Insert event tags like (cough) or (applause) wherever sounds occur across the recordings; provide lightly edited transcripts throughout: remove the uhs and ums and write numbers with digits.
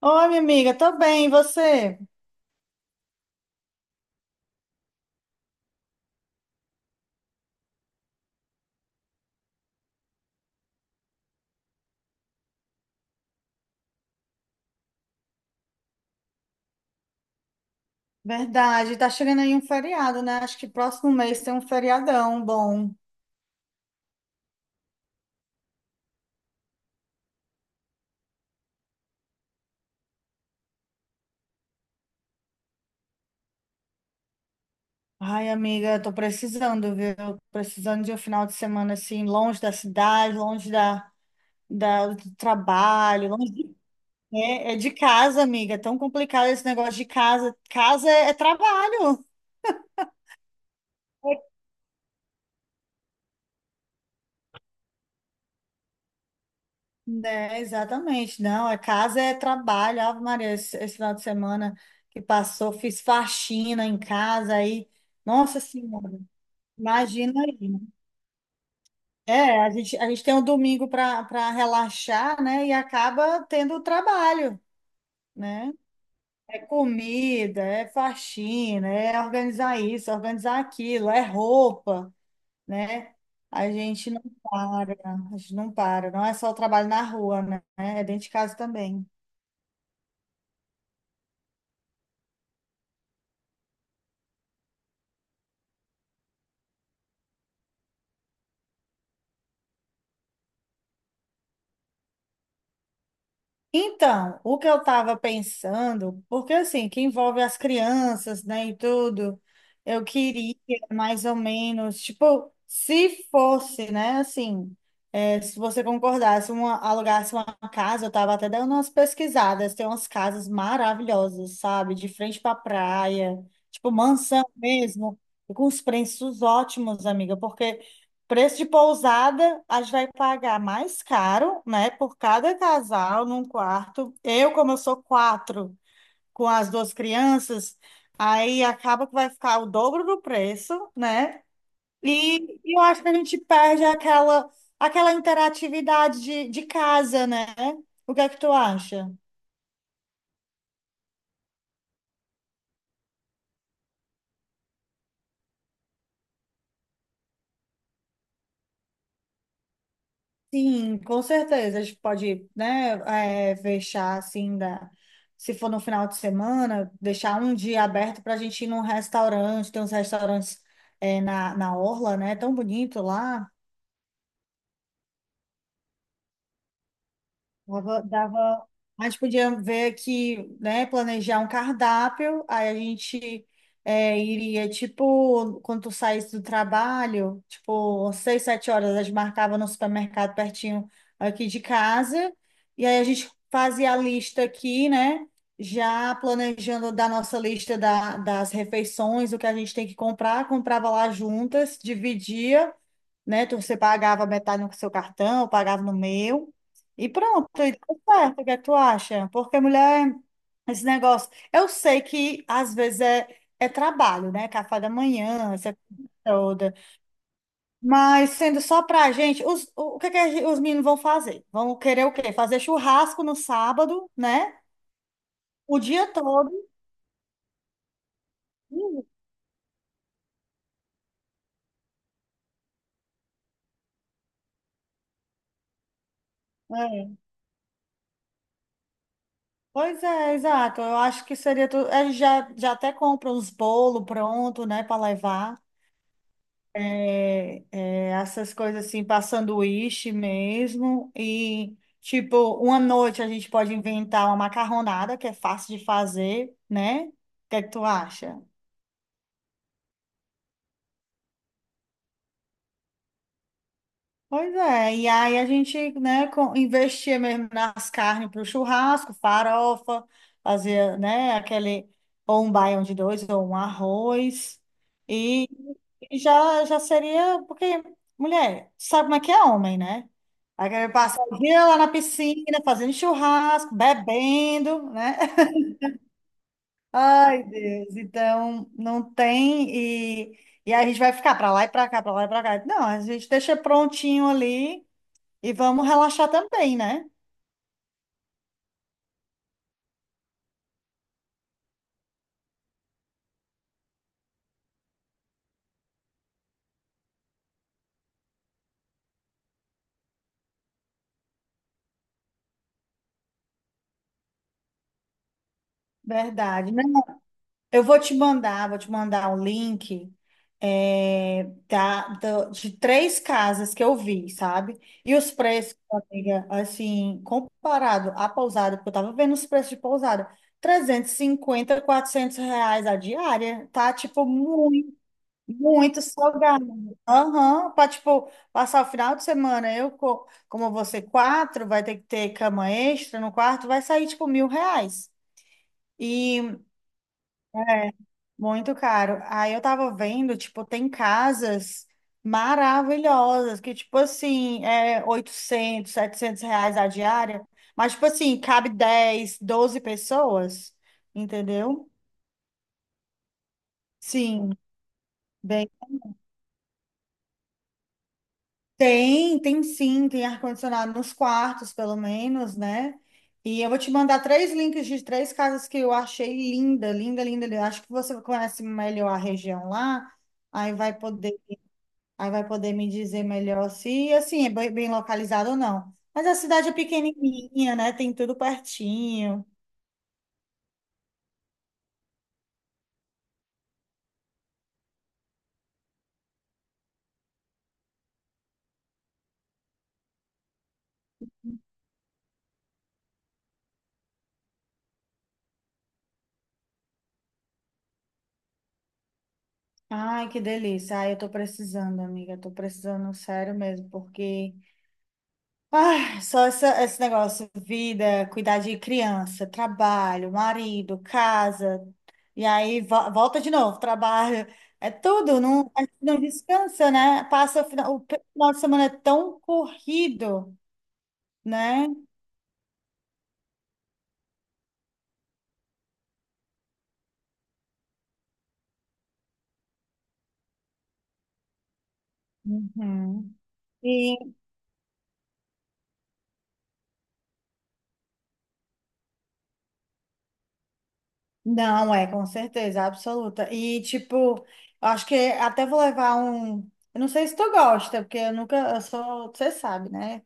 Oi, minha amiga, tô bem, e você? Verdade, tá chegando aí um feriado, né? Acho que próximo mês tem um feriadão bom. Ai, amiga, tô precisando, viu? Tô precisando de um final de semana assim, longe da cidade, do trabalho, é de casa, amiga. É tão complicado esse negócio de casa. Casa é trabalho, né? Exatamente. Não, é casa é trabalho. Ave Maria, esse final de semana que passou, fiz faxina em casa aí. Nossa Senhora. Imagina aí. É, a gente tem um domingo para relaxar, né? E acaba tendo o trabalho, né? É comida, é faxina, é organizar isso, organizar aquilo, é roupa, né? A gente não para, a gente não para. Não é só o trabalho na rua, né? É dentro de casa também. Então, o que eu estava pensando, porque assim, que envolve as crianças, né, e tudo, eu queria mais ou menos, tipo, se fosse, né, assim, se você concordasse, alugasse uma casa, eu estava até dando umas pesquisadas, tem umas casas maravilhosas, sabe, de frente para praia, tipo, mansão mesmo, e com os preços ótimos, amiga, porque preço de pousada, a gente vai pagar mais caro, né, por cada casal num quarto. Eu, como eu sou quatro com as duas crianças, aí acaba que vai ficar o dobro do preço, né? E eu acho que a gente perde aquela interatividade de casa, né? O que é que tu acha? Sim, com certeza. A gente pode, né, fechar assim da. Se for no final de semana, deixar um dia aberto para a gente ir num restaurante. Tem uns restaurantes na Orla, né? Tão bonito lá. Dava. A gente podia ver que, né, planejar um cardápio, aí a gente iria, tipo, quando tu saísse do trabalho, tipo, 6, 7 horas, a gente marcava no supermercado pertinho aqui de casa, e aí a gente fazia a lista aqui, né, já planejando da nossa lista das refeições, o que a gente tem que comprar, comprava lá juntas, dividia, né? Você pagava metade no seu cartão, eu pagava no meu. E pronto, e deu certo. O que é que tu acha? Porque mulher, esse negócio. Eu sei que às vezes é trabalho, né? Café da manhã, essa coisa toda. Mas sendo só pra gente, o que é que os meninos vão fazer? Vão querer o quê? Fazer churrasco no sábado, né? O dia todo. Hum, é. Pois é, exato. Eu acho que seria tudo. Eles já até compram os bolos pronto, né, para levar. É, essas coisas assim, para sanduíche mesmo. E, tipo, uma noite a gente pode inventar uma macarronada, que é fácil de fazer, né? O que é que tu acha? Pois é, e aí a gente, né, investia mesmo nas carnes para o churrasco, farofa, fazia, né, aquele, ou um baião de dois, ou um arroz, e e já seria, porque, mulher, sabe como é que é homem, né? Aí quer passar o dia lá na piscina, fazendo churrasco, bebendo, né? (laughs) Ai, Deus, então não tem, e, e aí a gente vai ficar para lá e para cá, para lá e para cá. Não, a gente deixa prontinho ali, e vamos relaxar também, né? Verdade. Não, eu vou te mandar um link de três casas que eu vi, sabe? E os preços, amiga, assim, comparado à pousada, porque eu tava vendo os preços de pousada, R$ 350, R$ 400 a diária, tá? Tipo, muito. Muito salgado. Aham, para tipo, passar o final de semana. Eu, como você quatro, vai ter que ter cama extra no quarto, vai sair, tipo, R$ 1.000. E é muito caro. Aí eu tava vendo, tipo, tem casas maravilhosas que, tipo assim, é R$ 800, R$ 700 a diária. Mas, tipo assim, cabe 10, 12 pessoas, entendeu? Sim. Tem, tem sim, tem ar-condicionado nos quartos, pelo menos, né? E eu vou te mandar três links de três casas que eu achei linda, linda, linda, linda. Eu acho que você conhece melhor a região lá, aí vai poder, aí vai poder me dizer melhor se, assim, é bem, bem localizado ou não. Mas a cidade é pequenininha, né? Tem tudo pertinho. Ai, que delícia. Ai, eu tô precisando, amiga, eu tô precisando, sério mesmo, porque só esse negócio, vida, cuidar de criança, trabalho, marido, casa, e aí volta de novo, trabalho, é tudo, não, a gente não descansa, né? Passa o final de semana é tão corrido, né? Uhum. E não é, com certeza, absoluta. E tipo, eu acho que até vou levar um, eu não sei se tu gosta, porque eu nunca, eu sou, você sabe, né?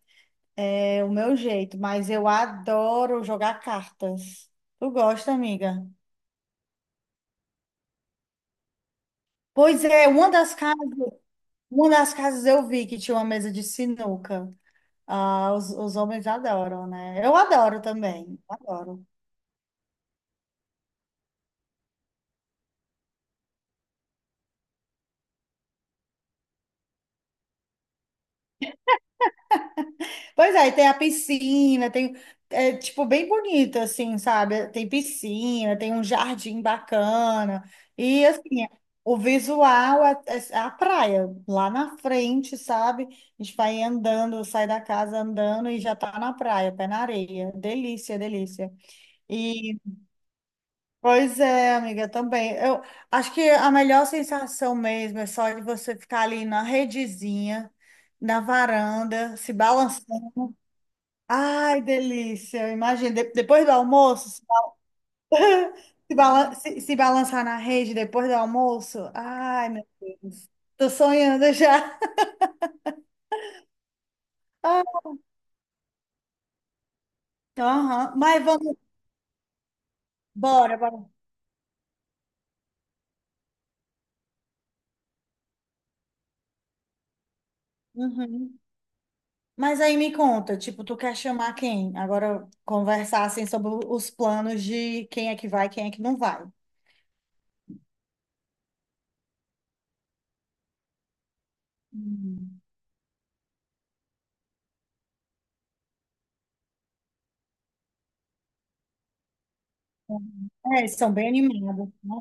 É o meu jeito, mas eu adoro jogar cartas. Tu gosta, amiga? Pois é, uma das casas eu vi que tinha uma mesa de sinuca. Ah, os homens adoram, né? Eu adoro também, adoro. Pois é, e tem a piscina, tem, tipo, bem bonito, assim, sabe? Tem piscina, tem um jardim bacana. E, assim, o visual é a praia, lá na frente, sabe? A gente vai andando, sai da casa andando e já tá na praia, pé na areia. Delícia, delícia. E, pois é, amiga, também. Eu acho que a melhor sensação mesmo é só de você ficar ali na redezinha, na varanda, se balançando. Ai, delícia. Imagina, depois do almoço, se balançar na rede depois do almoço. Ai, meu Deus. Tô sonhando já. Ah, aham. Mas vamos, bora, bora. Uhum. Mas aí me conta, tipo, tu quer chamar quem? Agora conversar assim sobre os planos de quem é que vai, quem é que não vai. Hum. É, eles são bem animados, né?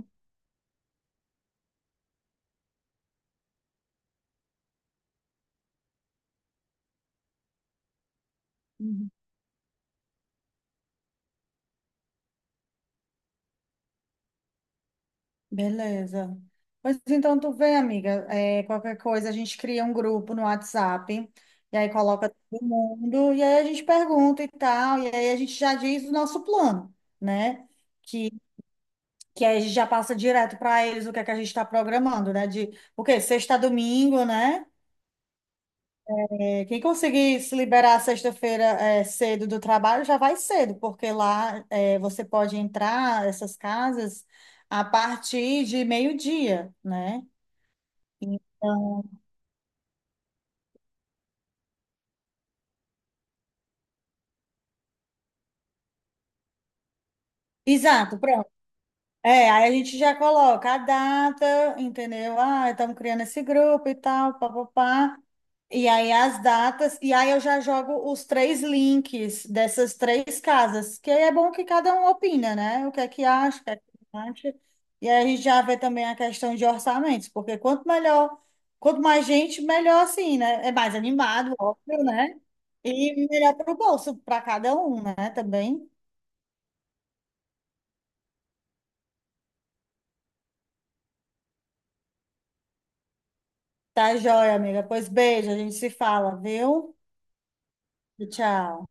Uhum. Beleza. Pois então tu vê, amiga, qualquer coisa a gente cria um grupo no WhatsApp e aí coloca todo mundo e aí a gente pergunta e tal, e aí a gente já diz o nosso plano, né? Que, que aí a gente já passa direto para eles o que é que a gente está programando, né? De o quê? Sexta a domingo, né? É, quem conseguir se liberar sexta-feira cedo do trabalho já vai cedo, porque lá você pode entrar essas casas a partir de meio-dia, né? Exato, pronto. É, aí a gente já coloca a data, entendeu? Ah, estamos criando esse grupo e tal, papapá. E aí as datas, e aí eu já jogo os três links dessas três casas, que aí é bom que cada um opina, né? O que é que acha, o que é que não acha. E aí a gente já vê também a questão de orçamentos, porque quanto melhor, quanto mais gente, melhor assim, né? É mais animado, óbvio, né? E melhor para o bolso, para cada um, né? Também. Tá joia, amiga. Pois beijo, a gente se fala, viu? Tchau.